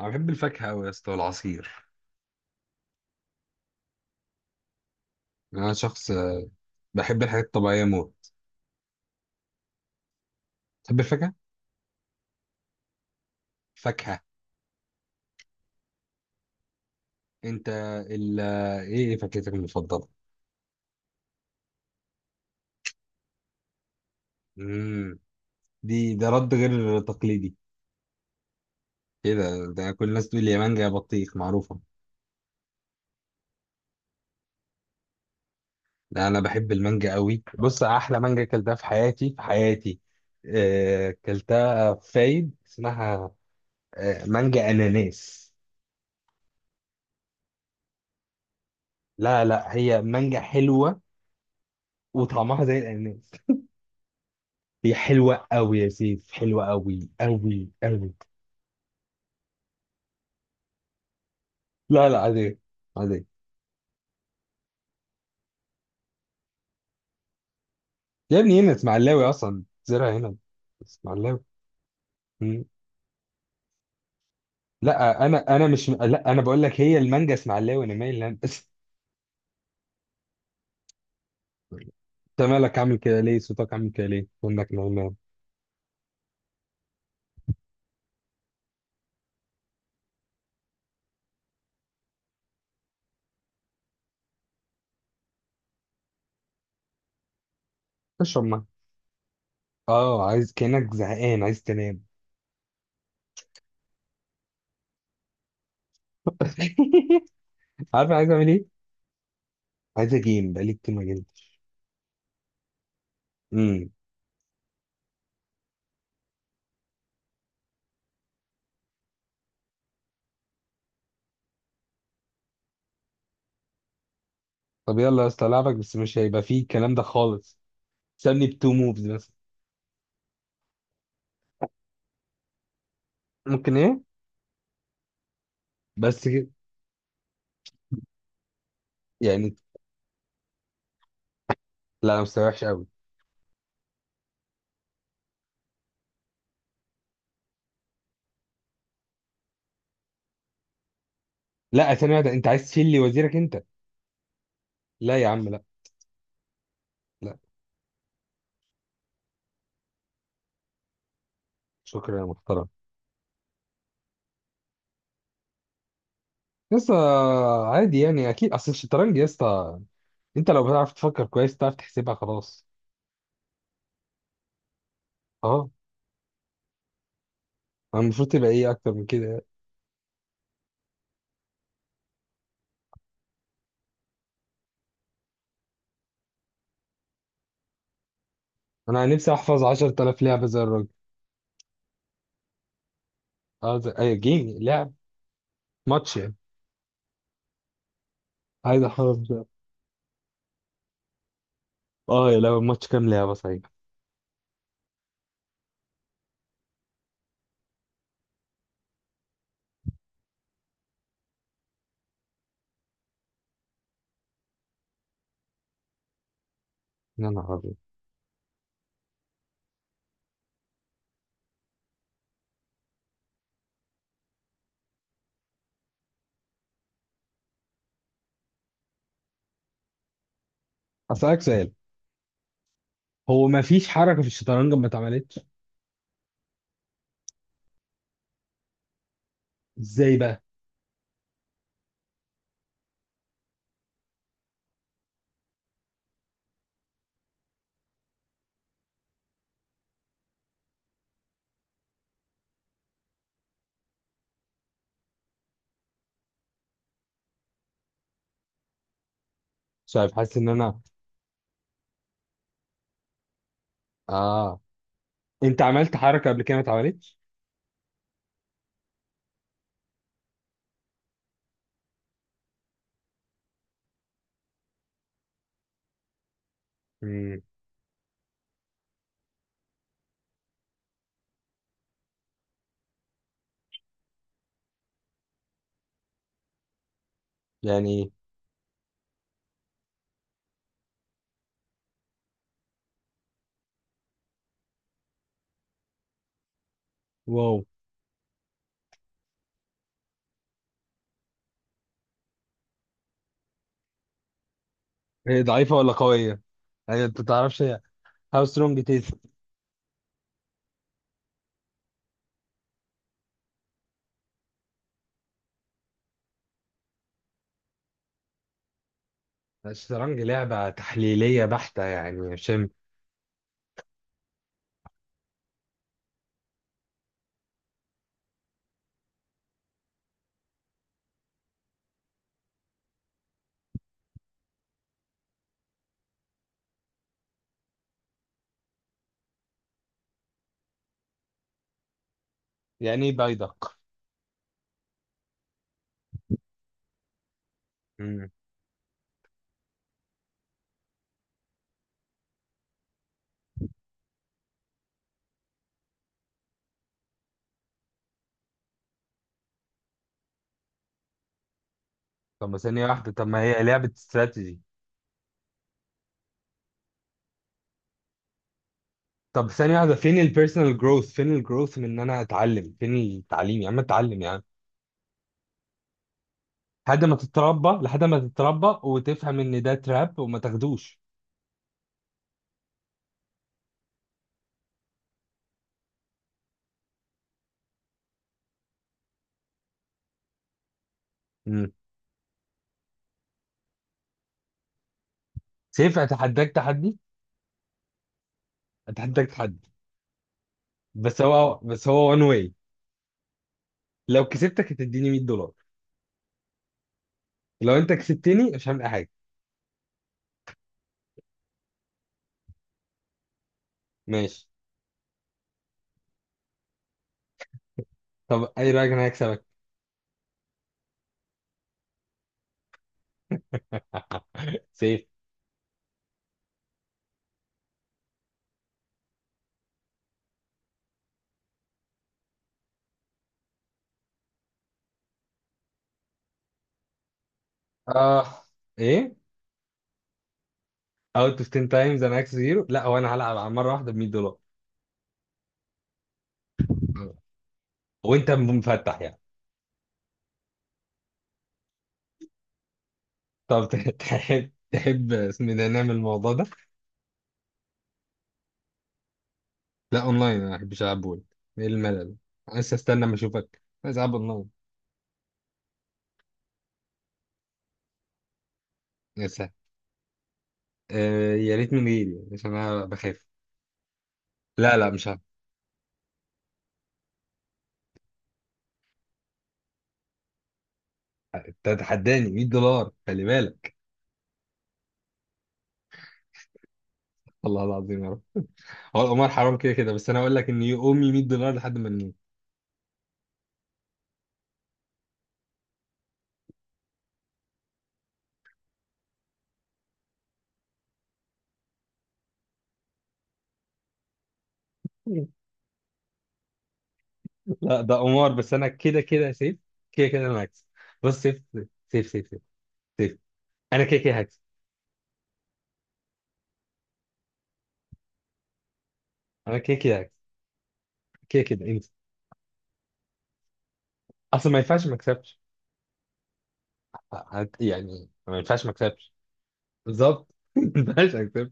انا بحب الفاكهه قوي يا اسطى والعصير. انا شخص بحب الحاجات الطبيعيه موت. تحب الفاكهه؟ فاكهه. انت ال ايه ايه فاكهتك المفضله؟ امم ده رد غير تقليدي. كده، ده كل الناس تقول لي يا مانجا يا بطيخ معروفه. لا انا بحب المانجا قوي. بص، احلى مانجا اكلتها في حياتي، اكلتها في فايد، اسمها مانجا اناناس. لا لا، هي مانجا حلوه وطعمها زي الاناناس. هي حلوة أوي يا سيف، حلوة أوي أوي أوي. لا لا، عادية، عادية. يا ابني هنا اسماعيلاوي أصلا، زرع هنا اسماعيلاوي. مم. لا، أنا أنا مش لا أنا بقول لك هي المانجا اسماعيلاوي أنا مايل لها. بس. أنت مالك عامل كده ليه؟ صوتك عامل كده ليه؟ إنك نايمان؟ اشرب ميه. أه، عايز كأنك زهقان عايز تنام. عارف أنا عايز أعمل إيه؟ عايز أجيم، بقالي كتير ما جيمتش. امم طب يلا يا اسطى ألعبك، بس مش هيبقى فيه الكلام ده خالص. سابني بتو موفز بس. ممكن إيه؟ بس يعني. لا انا مستواي وحش قوي. لا، ثانية واحدة، انت عايز تشيل لي وزيرك انت؟ لا يا عم لا. لا، شكرا يا محترم. لسه. عادي يعني، اكيد. اصل الشطرنج يا اسطى، انت لو بتعرف تفكر كويس تعرف تحسبها خلاص. اه. انا المفروض تبقى ايه اكتر من كده يعني. انا نفسي احفظ 10,000 لعبة زي الراجل. عايز اي جيم لعب. ماتش يعني. عايز احفظ. اه يا لعبة، ماتش كام لعبة صحيح. يا نهار ابيض. اسالك سؤال. هو ما فيش حركة في الشطرنج ما اتعملتش؟ ازاي بقى؟ مش عارف، حاسس ان انا. اه، انت عملت حركة قبل كده ما اتعملتش؟ مم. يعني. واو. هي ضعيفة ولا قوية؟ يعني انت تعرفش هي. هاو سترونج تيز؟ الشطرنج لعبة تحليلية بحتة يعني يا شم؟ يعني ايه بيضك؟ مم. طب، ما ثانية واحدة، طب ما هي لعبة استراتيجي. طب ثانية واحدة، فين البيرسونال جروث؟ فين الجروث من ان انا اتعلم؟ فين التعليم يا عم؟ اتعلم يا عم. لحد ما تتربى، لحد ما تتربى وتفهم ان ده تراب وما تاخدوش. مم. سيف، اتحداك تحدي، اتحداك تحدي. بس هو وان واي. لو كسبتك هتديني 100 دولار، لو انت كسبتني مش هعمل اي حاجه. ماشي. طب اي رايك، انا هكسبك سيف. اه. ايه؟ اوت اوف 10 تايمز انا هكسب زيرو؟ لا هو انا هلعب على مره واحده ب 100 دولار. وانت مفتح يعني؟ طب تحب، تحب اسم ده، نعمل الموضوع ده. لا اونلاين، انا ما بحبش العب بول. ايه الملل ده؟ أنا لسه استنى ما اشوفك، عايز العب اونلاين. يا سهل. آه يا ريت من غيري عشان انا بخاف. لا لا، مش هعمل. انت هتحداني 100 دولار، خلي بالك. الله العظيم يا رب. هو القمار حرام كده كده، بس انا اقول لك ان امي 100 دولار لحد ما نموت. لا ده قمار. بس انا كده كده سيف، كده كده انا هكسب. بص سيف، سيف سيف، سيف سيف، انا كده كده هكسب. انا كده كده هكسب، كده كده انت. اصلا ما ينفعش ما اكسبش. يعني ما ينفعش ما اكسبش. بالظبط. ما ينفعش اكسب.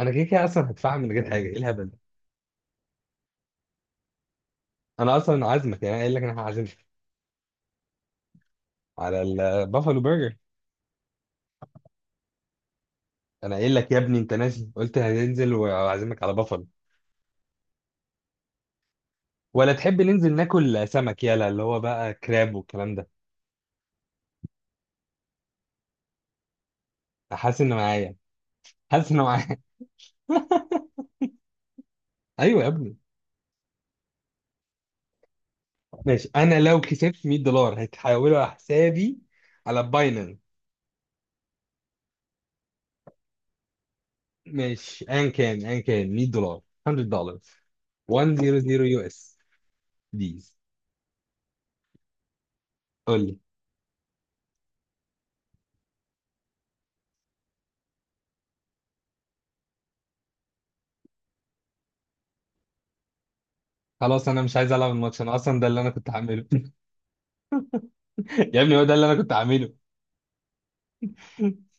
انا كده كده اصلا هدفع من غير حاجه، ايه الهبل ده؟ انا اصلا عازمك، يعني انا قايل لك انا هعزمك على البافالو برجر. انا قايل لك يا ابني، انت نازل قلت هننزل وهعزمك على بافالو. ولا تحب ننزل ناكل سمك، يلا اللي هو بقى كراب والكلام ده. حاسس ان معايا، حاسس ان معايا. ايوه يا ابني. ماشي، انا لو كسبت 100 دولار هتحولوا على حسابي على باينانس. ماشي، ان كان 100 دولار، 100 دولار، 100 يو اس ديز. قول لي. خلاص انا مش عايز العب الماتش، انا اصلا ده اللي انا كنت هعمله. يا ابني هو ده اللي انا كنت هعمله.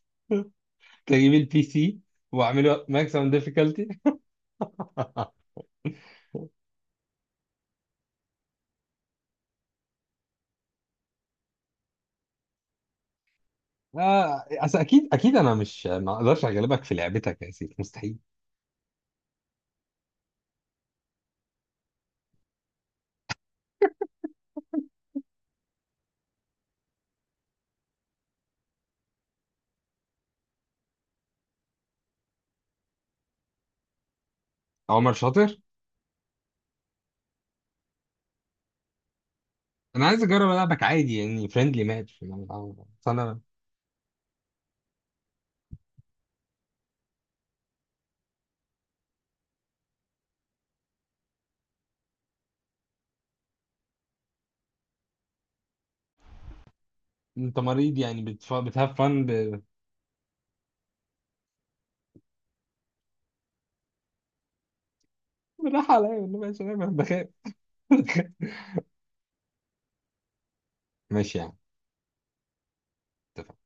كنت اجيب البي سي واعمله ماكسيمم ديفيكالتي. آه أصل أكيد أكيد أنا مش، ما أقدرش أغلبك في لعبتك يا سيف، مستحيل. عمر شاطر. أنا عايز أجرب ألعبك عادي، يعني فريندلي ماتش. أصل أنا. أنت مريض يعني، بتهاف فن بالراحة عليا والله، ماشي، أنا بخاف. ماشي يعني. اتفقنا.